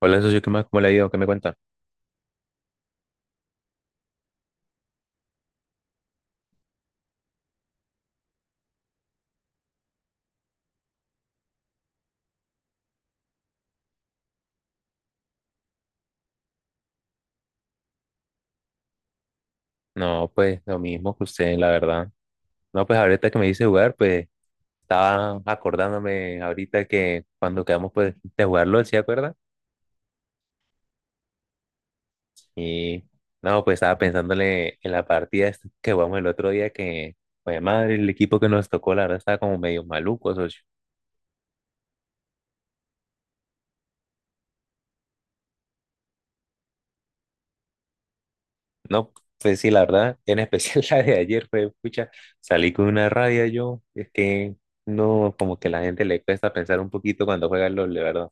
Hola, socio, ¿qué más? ¿Cómo le ha ido? ¿Qué me cuenta? No, pues lo mismo que usted, la verdad. No, pues ahorita que me dice jugar, pues estaba acordándome ahorita que cuando quedamos pues de jugarlo, ¿sí acuerda? Y no, pues estaba pensándole en la partida esta que jugamos el otro día que, pues madre, el equipo que nos tocó, la verdad, estaba como medio maluco, socio. No, pues sí, la verdad, en especial la de ayer fue, pucha, salí con una rabia yo, es que no, como que la gente le cuesta pensar un poquito cuando juega LOL, de verdad.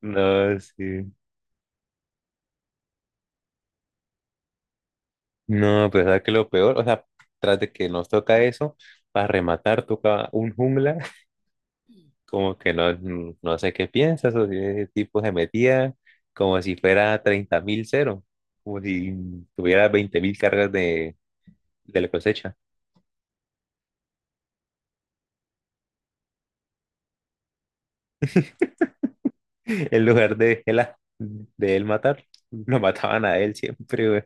No, sí. No, pero ¿sabes qué es lo peor? O sea, tras de que nos toca eso, para rematar toca un jungla, como que no, no sé qué piensas, o si ese tipo se metía como si fuera 30.000 cero, como si tuviera 20.000 cargas de, la cosecha, en lugar de él, de él matar, lo mataban a él siempre, güey.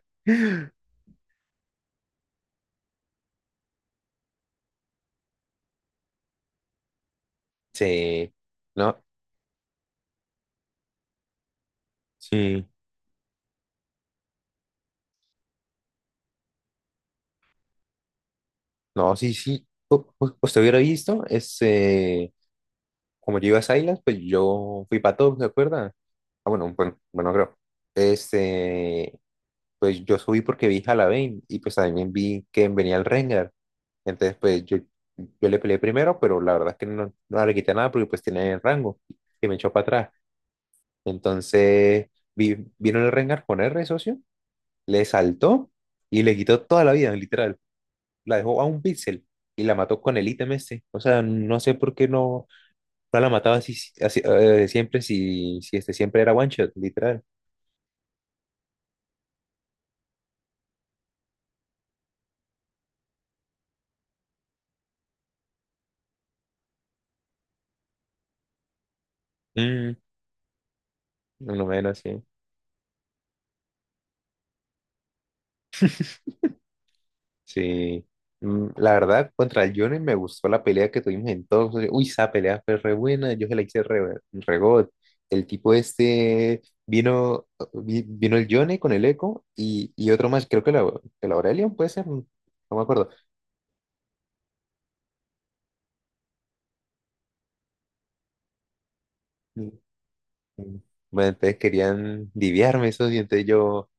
Sí, no, sí, no, sí, sí. ¿Usted hubiera visto ese... como yo iba a esa isla, pues yo fui para todos, ¿se acuerdan? Ah, bueno, bueno, bueno, creo. Este, pues yo subí porque vi Halloween y pues también vi que venía el Rengar. Entonces, pues yo le peleé primero, pero la verdad es que no, no le quité nada porque pues tiene rango y me echó para atrás. Entonces, vino el Rengar con R, socio, le saltó y le quitó toda la vida, literal. La dejó a un píxel y la mató con el ítem ese. O sea, no sé por qué no, no la mataba así, si, así siempre, si este siempre era one shot, literal. Mm, Más menos, sí. Sí. La verdad, contra el Johnny me gustó la pelea que tuvimos en todos. Uy, esa pelea fue re buena, yo se la hice re, re god. El tipo este vino, vino el Johnny con el Echo y otro más, creo que el Aurelion puede ser, no me acuerdo. Mm, mm. Bueno, entonces querían diviarme eso y entonces yo.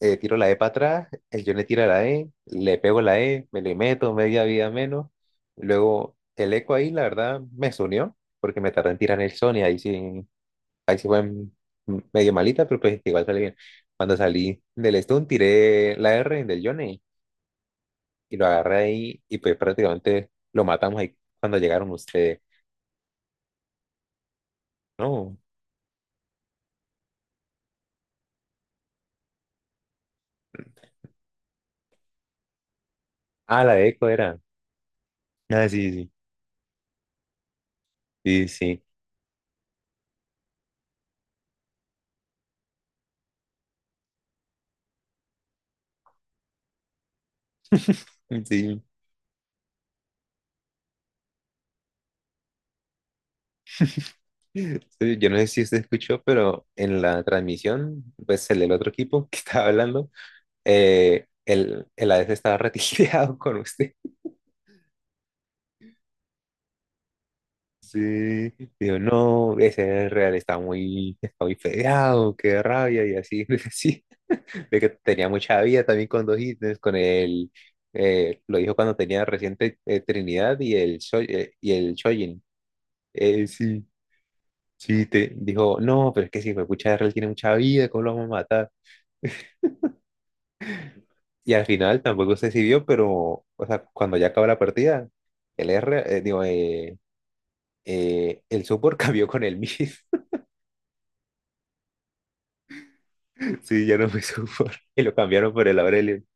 Tiro la E para atrás, el John le tira la E, le pego la E, me le meto media vida menos. Luego el eco ahí, la verdad, me unió, porque me tardé en tirar el Sony, ahí sí fue medio malita, pero pues igual salí bien. Cuando salí del stun, tiré la R del Johnny y lo agarré ahí y pues prácticamente lo matamos ahí cuando llegaron ustedes. No, ah, la de eco era. Ah, sí, sí, sí, sí. Sí, sí, yo no sé si usted escuchó, pero en la transmisión, pues el del otro equipo que estaba hablando, el ADC estaba retileado con usted. Sí. Digo, no, ese Real está muy fedeado, qué rabia, y así, así. De que tenía mucha vida también con dos ítems, lo dijo cuando tenía reciente Trinidad y y el Chojin. Sí. Sí, te dijo, no, pero es que si fue pucha Real tiene mucha vida, ¿cómo lo vamos a matar? Y al final tampoco se decidió, pero, o sea, cuando ya acaba la partida, digo, el support cambió con el mid. Sí, ya no fue support. Y lo cambiaron por el Aurelion.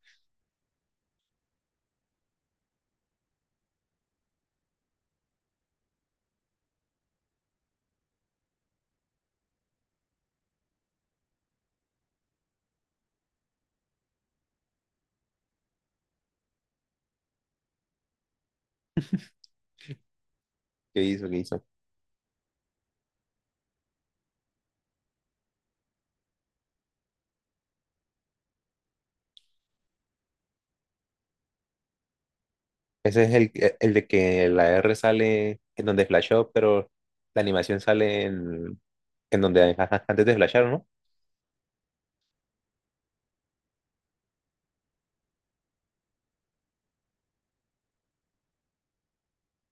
¿Qué hizo? ¿Qué hizo? Ese es el de que la R sale en donde flashó, pero la animación sale en donde antes de flashar, ¿no?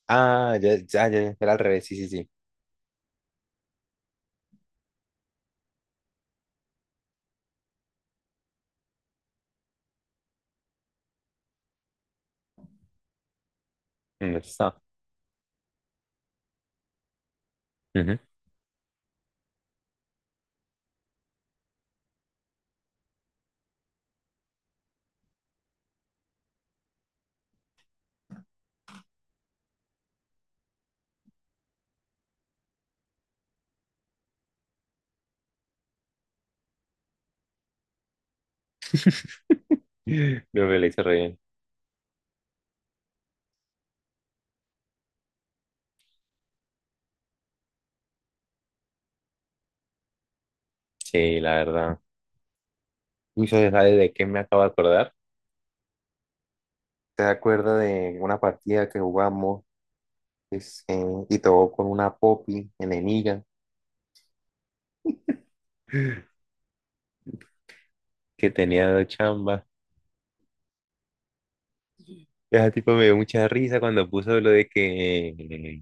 Ah, ya, ya, ya, ya, era al revés, sí, sí, sí. Eso está. Ujú. Lo que le hice re bien. Sí, la verdad. Uy, ¿sabes de qué me acabo de acordar? ¿Te acuerda de una partida que jugamos es, eh, y todo con una Poppy enemiga que tenía dos chambas? Ese tipo me dio mucha risa cuando puso lo de que,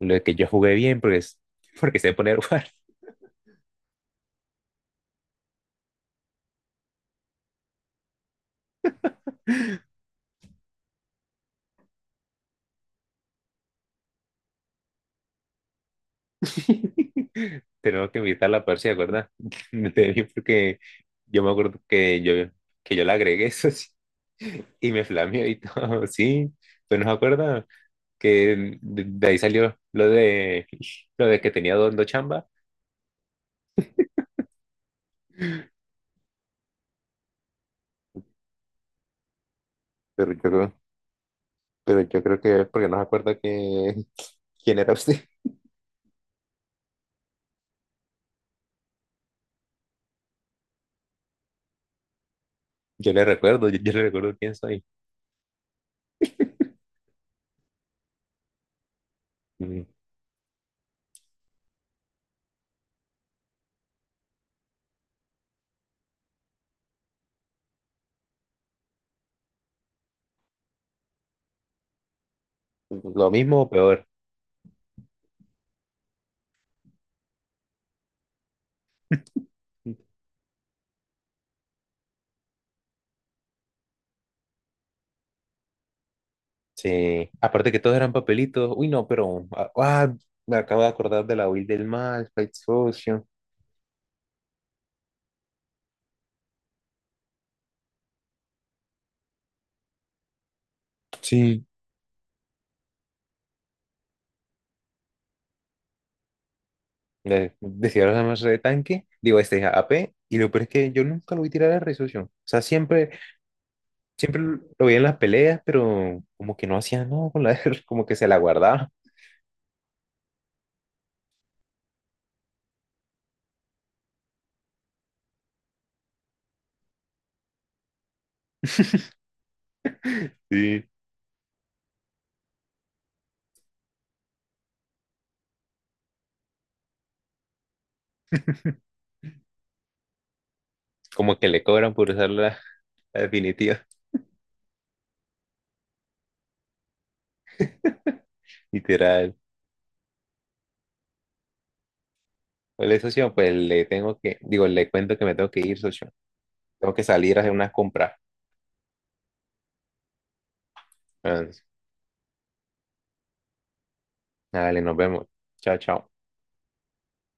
lo de que yo jugué bien porque, porque sé poner guardia. Tenemos que invitarla a Percy, ¿verdad? Porque yo me acuerdo que que yo la agregué, eso sí, y me flameó y todo, sí, pues no se acuerda. Que de ahí salió lo de que tenía dos chamba. Pero yo, creo- pero yo creo que es porque no se acuerda que, quién era usted. Yo le recuerdo, yo le recuerdo quién soy. Mm, Lo mismo o peor. Sí, aparte que todos eran papelitos. Uy, no, pero ah, ah, me acabo de acordar de la Will del Mal, Fight Social. Sí. Decía los demás de tanque, digo, este AP, y lo peor es que yo nunca lo vi tirar a Red. O sea, siempre. Siempre lo veía en las peleas, pero como que no hacía nada con la R, como que se la guardaba. Sí. Como que le cobran por usar la definitiva, literal. Hola, socio, pues le tengo que, digo, le cuento que me tengo que ir, socio. Tengo que salir a hacer unas compras. Ah, sí. Dale, nos vemos. Chao, chao.